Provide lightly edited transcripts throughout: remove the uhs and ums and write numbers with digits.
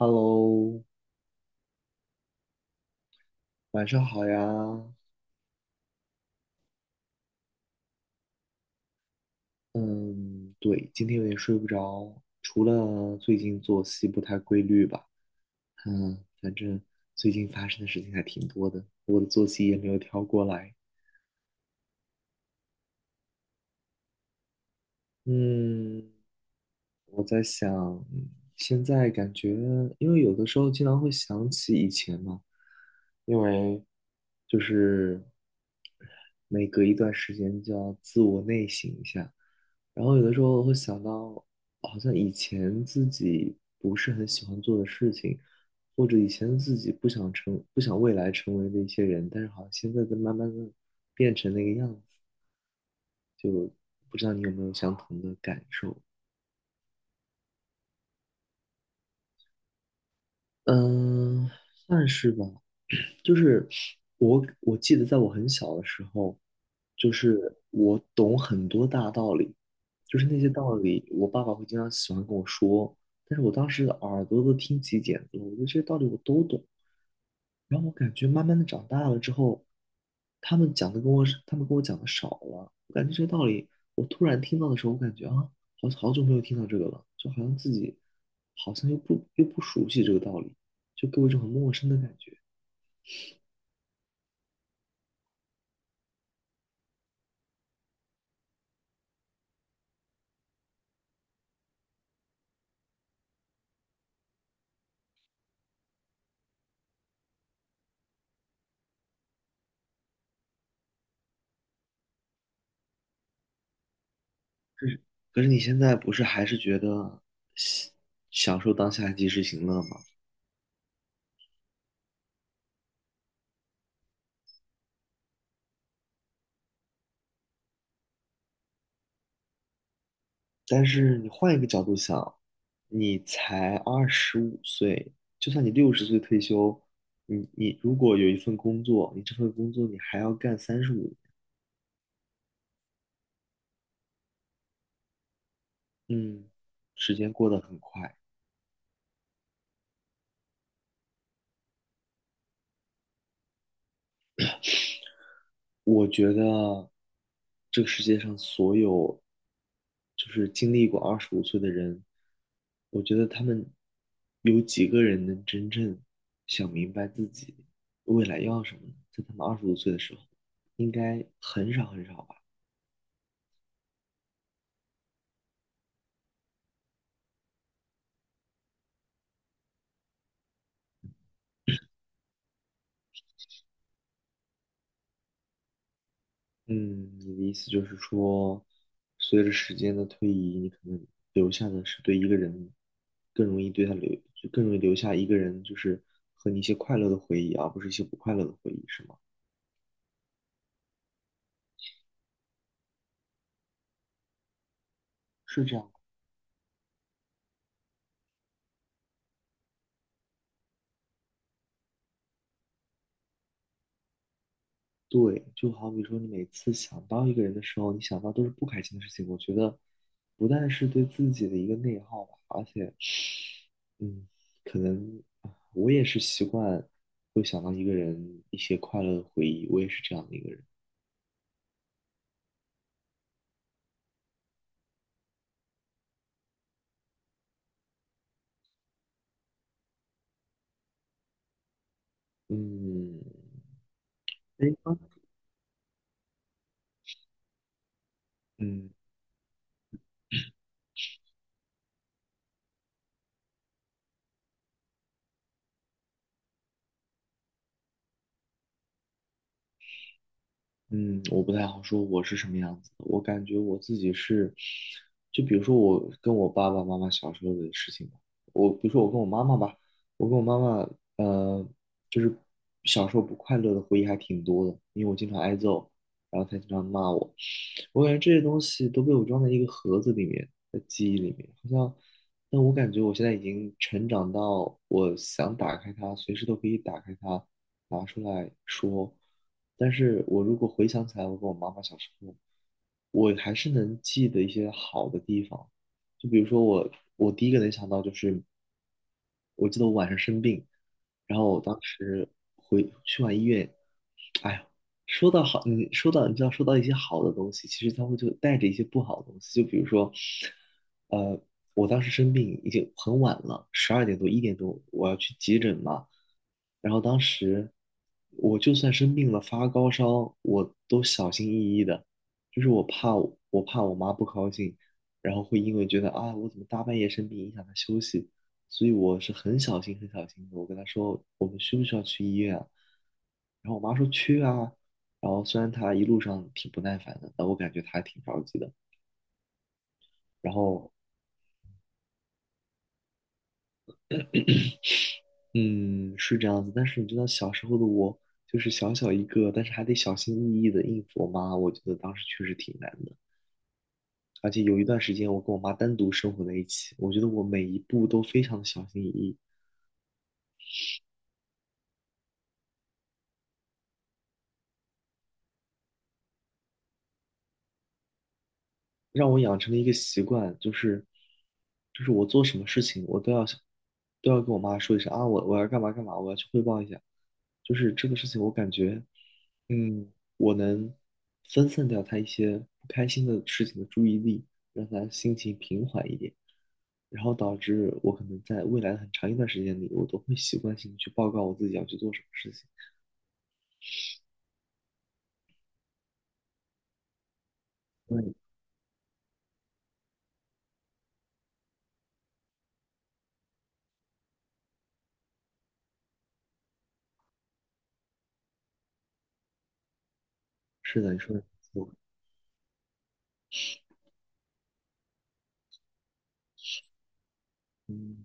Hello，晚上好呀。嗯，对，今天有点睡不着，除了最近作息不太规律吧，反正最近发生的事情还挺多的，我的作息也没有调过来。嗯，我在想，嗯现在感觉，因为有的时候经常会想起以前嘛，因为就是每隔一段时间就要自我内省一下，然后有的时候会想到，好像以前自己不是很喜欢做的事情，或者以前自己不想成，不想未来成为的一些人，但是好像现在在慢慢的变成那个样子，不知道你有没有相同的感受？嗯，算是吧。就是我记得在我很小的时候，就是我懂很多大道理，就是那些道理，我爸爸会经常喜欢跟我说，但是我当时耳朵都听起茧子了，我觉得这些道理我都懂。然后我感觉慢慢的长大了之后，他们跟我讲的少了，我感觉这些道理我突然听到的时候，我感觉啊，好好久没有听到这个了，就好像自己好像又不熟悉这个道理，就给我一种很陌生的感觉。是，可是你现在不是还是觉得喜享受当下及时行乐吗？但是你换一个角度想，你才二十五岁，就算你60岁退休，你如果有一份工作，你这份工作你还要干35，嗯，时间过得很快。我觉得这个世界上所有就是经历过二十五岁的人，我觉得他们有几个人能真正想明白自己未来要什么呢在他们二十五岁的时候，应该很少很少吧。嗯，你的意思就是说，随着时间的推移，你可能留下的是对一个人更容易对他留，就更容易留下一个人，就是和你一些快乐的回忆，而不是一些不快乐的回忆，是吗？是这样，对，就好比说，你每次想到一个人的时候，你想到都是不开心的事情。我觉得，不但是对自己的一个内耗吧，而且，嗯，可能啊我也是习惯会想到一个人一些快乐的回忆，我也是这样的一个人。嗯，哎，嗯，嗯，我不太好说我是什么样子的。我感觉我自己是，就比如说我跟我爸爸妈妈小时候的事情吧。我比如说我跟我妈妈吧，我跟我妈妈，呃，就是小时候不快乐的回忆还挺多的，因为我经常挨揍，然后她经常骂我。我感觉这些东西都被我装在一个盒子里面，的记忆里面，好像。但我感觉我现在已经成长到我想打开它，随时都可以打开它。拿出来说。但是我如果回想起来，我跟我妈妈小时候，我还是能记得一些好的地方。就比如说我，我第一个能想到就是，我记得我晚上生病，然后我当时回去完医院，哎呀，说到好，你说到你知道说到一些好的东西，其实它会就带着一些不好的东西，就比如说，呃，我当时生病已经很晚了，12点多1点多，我要去急诊嘛。然后当时我就算生病了发高烧，我都小心翼翼的，就是我怕我妈不高兴，然后会因为觉得啊我怎么大半夜生病影响她休息，所以我是很小心很小心的。我跟她说我们需不需要去医院啊？然后我妈说去啊。然后虽然她一路上挺不耐烦的，但我感觉她还挺着急的。然后嗯，是这样子，但是你知道小时候的我，就是小小一个，但是还得小心翼翼的应付我妈，我觉得当时确实挺难的。而且有一段时间，我跟我妈单独生活在一起，我觉得我每一步都非常的小心翼翼，让我养成了一个习惯，就是我做什么事情，我都要想都要跟我妈说一声啊，我要干嘛干嘛，我要去汇报一下。就是这个事情，我感觉，嗯，我能分散掉她一些不开心的事情的注意力，让她心情平缓一点，然后导致我可能在未来很长一段时间里，我都会习惯性地去报告我自己要去做什么事情。对，是的，你说的没错，嗯，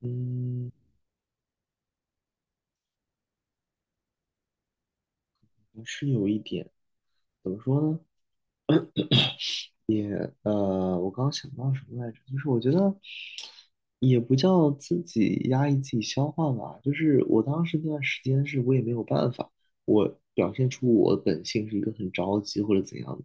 嗯，是有一点，怎么说呢？我刚刚想到什么来着？就是我觉得也不叫自己压抑自己消化吧，就是我当时那段时间是我也没有办法，我表现出我本性是一个很着急或者怎样的，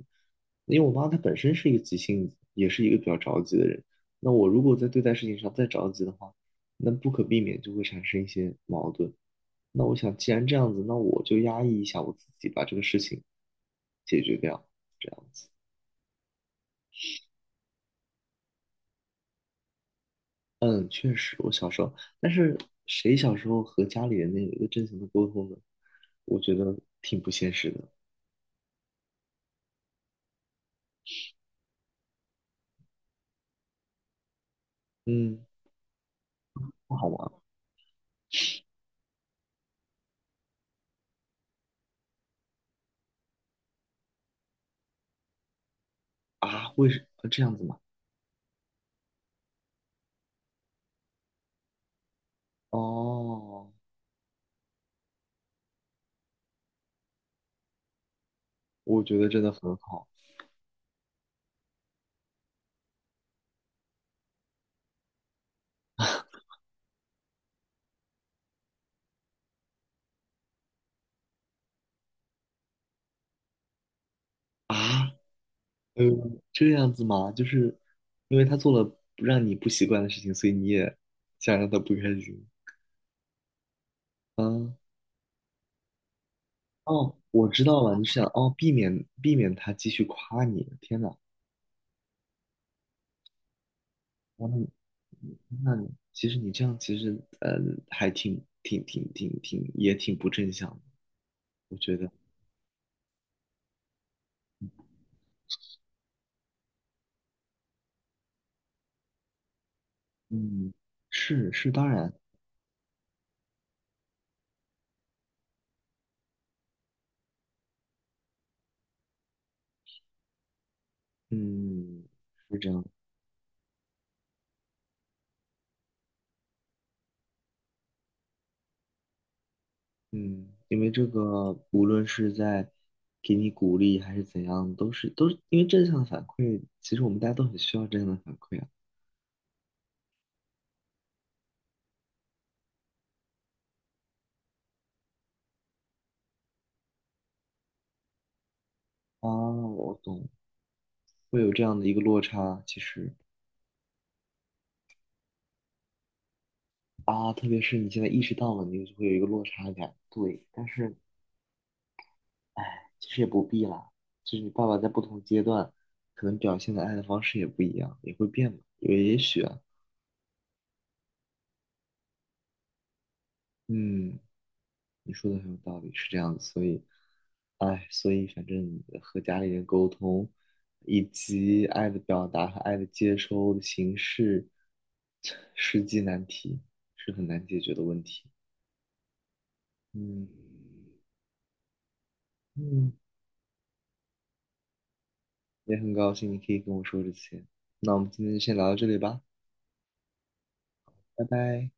因为我妈她本身是一个急性子，也是一个比较着急的人。那我如果在对待事情上再着急的话，那不可避免就会产生一些矛盾。那我想，既然这样子，那我就压抑一下我自己，把这个事情解决掉，这样子。嗯，确实，我小时候，但是谁小时候和家里人能有一个正常的沟通呢？我觉得挺不现实的。嗯，不好玩啊？为什么这样子吗？哦，我觉得真的很好啊。嗯，这样子吗？就是因为他做了不让你不习惯的事情，所以你也想让他不开心。嗯，哦，我知道了，你是想避免他继续夸你。天哪，哇，那那你其实你这样其实呃还挺不正向的，我觉得，嗯，是是，当然，嗯，是这样，嗯，因为这个无论是在给你鼓励还是怎样，都是因为正向的反馈，其实我们大家都很需要正向的反馈啊。啊，我懂，会有这样的一个落差，其实啊，特别是你现在意识到了，你就会有一个落差感，对，但是。其实也不必啦，就是爸爸在不同阶段，可能表现的爱的方式也不一样，也会变嘛。也许啊，嗯，你说的很有道理，是这样子。所以，哎，所以反正和家里人沟通，以及爱的表达和爱的接收的形式，实际难题是很难解决的问题。嗯，嗯，也很高兴你可以跟我说这些。那我们今天就先聊到这里吧，拜拜。